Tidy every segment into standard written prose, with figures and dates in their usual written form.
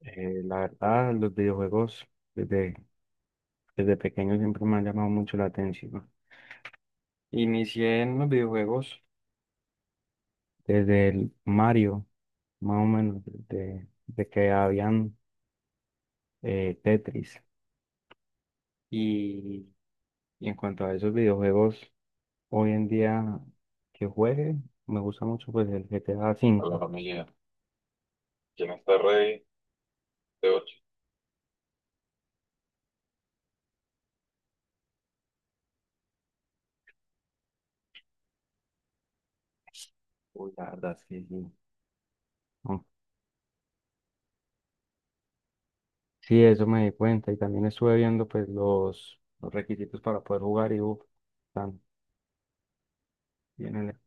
La verdad, los videojuegos desde, desde pequeño siempre me han llamado mucho la atención. Inicié en los videojuegos desde el Mario, más o menos, de que habían Tetris. Y, y en cuanto a esos videojuegos, hoy en día que juegue, me gusta mucho pues el GTA A la V. familia. ¿Quién está rey de ocho? Uy, la verdad, sí, sí. Sí, eso me di cuenta y también estuve viendo pues los requisitos para poder jugar y uff, están bien ele-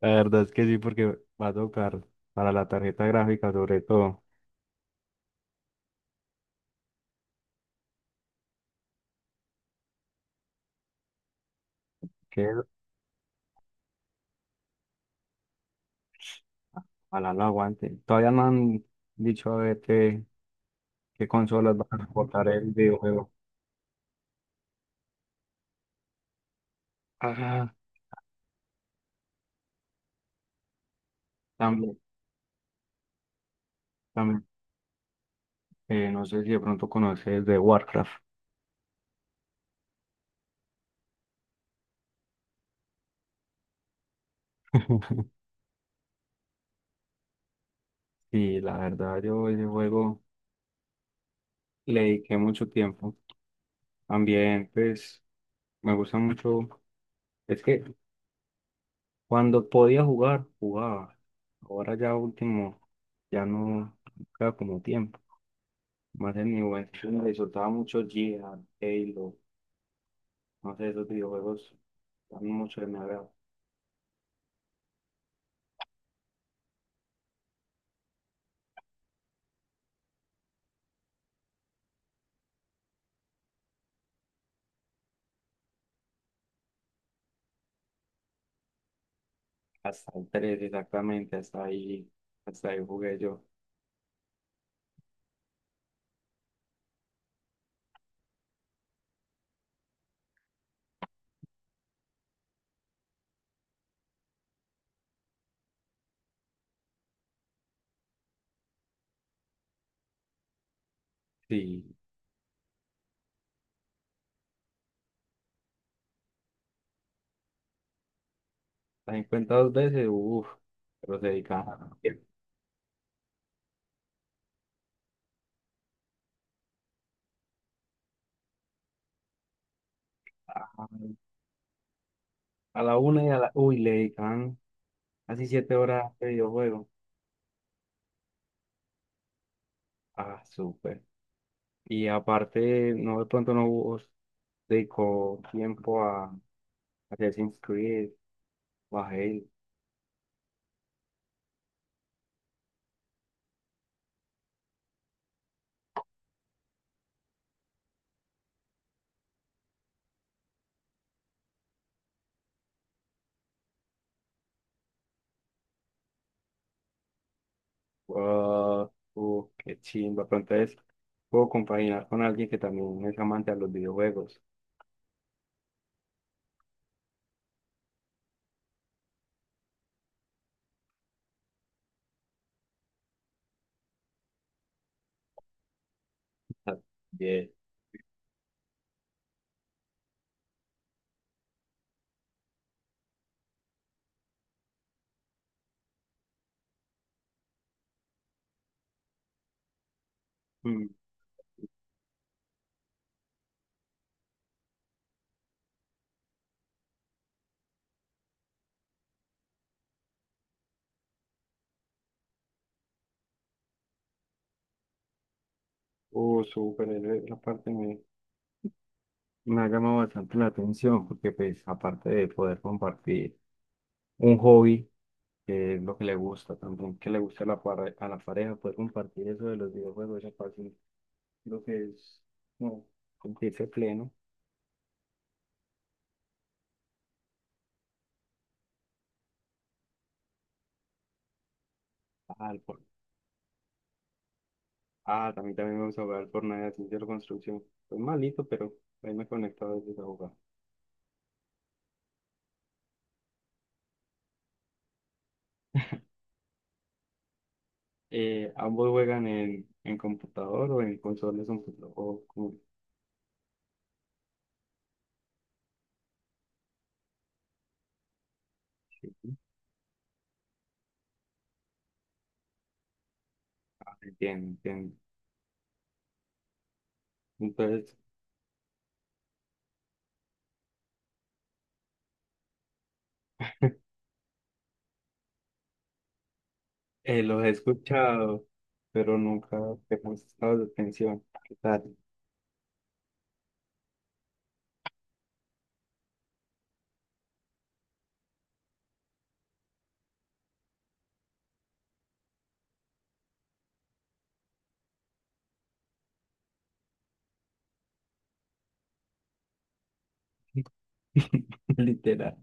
La verdad es que sí, porque va a tocar para la tarjeta gráfica sobre todo, que ojalá lo aguante. Todavía no han dicho a ver qué, qué consolas van a soportar el videojuego. Ah, también, también. No sé si de pronto conoces de Warcraft. Sí, la verdad yo ese juego le dediqué mucho tiempo. También pues me gusta mucho. Es que cuando podía jugar, jugaba. Ahora ya último, ya no queda como tiempo. Más en mi juventud me disfrutaba mucho Gear, Halo, no sé, esos videojuegos dan mucho de mi agrado. Hasta el 3 exactamente, hasta ahí jugué yo. Sí, la 50 dos veces, uff, pero se dedicaban a, a la una y a la... Uy, le dedicaban casi 7 horas de videojuego. Ah, súper. Y aparte, no de pronto no hubo- dedicó tiempo a Assassin's Creed o a Halo. Wow, qué chimba. Pero entonces puedo compaginar con alguien que también es amante a los videojuegos. Ah, bien. Mm. Súper, esa parte me ha llamado bastante la atención porque pues aparte de poder compartir un hobby, que es lo que le gusta, también que le gusta a la pareja, poder compartir eso de los videojuegos, esa parte creo que es. No. Sentirse pleno. Ah, el For- También, también vamos a jugar al Fortnite a ciencia de la construcción. Es malito, pero ahí me he conectado desde a jugar. ¿Ambos juegan en computador o en consolas un o como- sí. Ah, entiendo, entiendo. Entonces, los he escuchado, pero nunca te he prestado la atención. ¿Qué tal? Literal.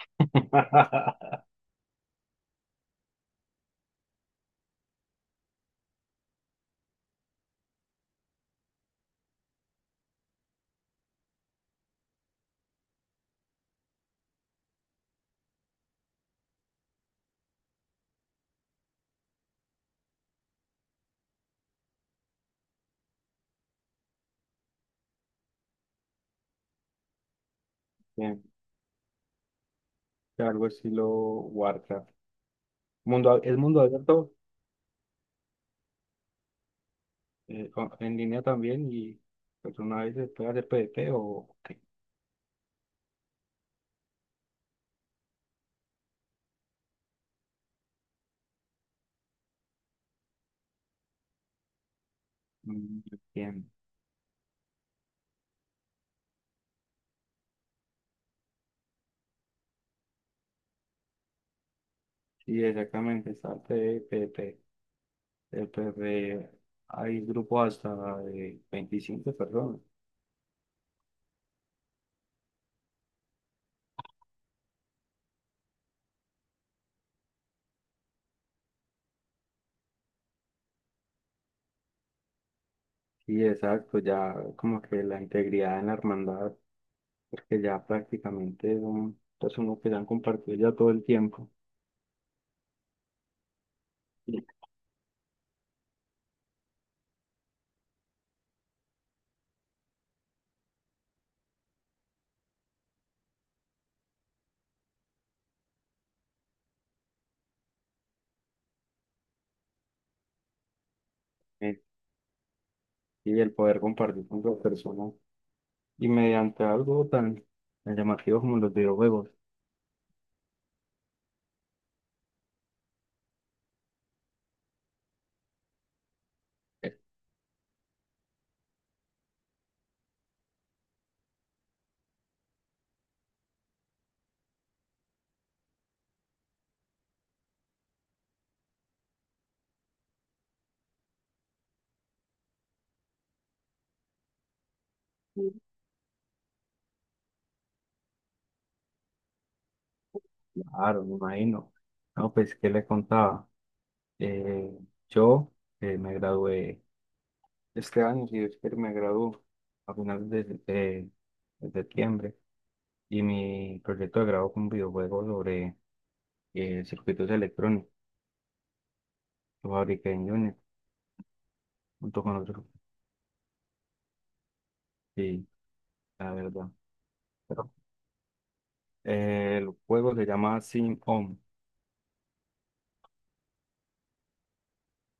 Bien, algo estilo Warcraft. ¿Es mundo abierto? En línea también y pues una vez se puede hacer PDP o qué. Mm. Bien. Sí, exactamente, está el PDP. El PDP, hay grupos hasta de 25 personas. Sí, exacto, ya como que la integridad en la hermandad, porque ya prácticamente son personas que se han compartido ya todo el tiempo. eh, y el poder compartir con otras personas y mediante algo tan tan llamativo como los videojuegos. Claro, me imagino. No, pues, ¿qué le contaba? Eh, yo me gradué este año, si Dios quiere, me graduó a finales de septiembre y mi proyecto de grado fue un videojuego sobre circuitos electrónicos. Lo fabriqué en Unity junto con otros. Sí, la verdad. Pero, el juego se llama Sim On.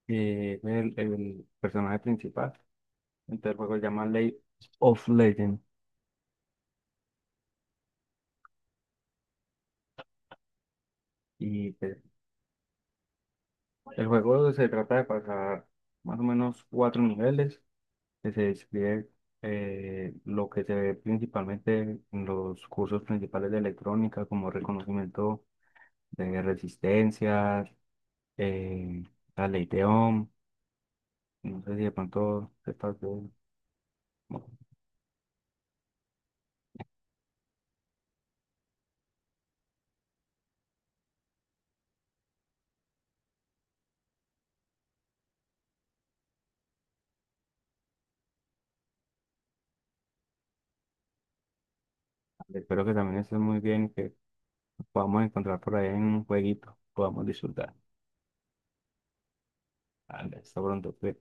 El personaje principal. Entonces, el juego se llama League of Legends. Y pues, el juego se trata de pasar más o menos cuatro niveles que se describe lo que se ve principalmente en los cursos principales de electrónica, como reconocimiento de resistencias, eh, la ley de Ohm. No sé si de pronto sepas de- bueno, espero que también estés muy bien y que nos podamos encontrar por ahí en un jueguito, podamos disfrutar. Vale, hasta pronto. Pues.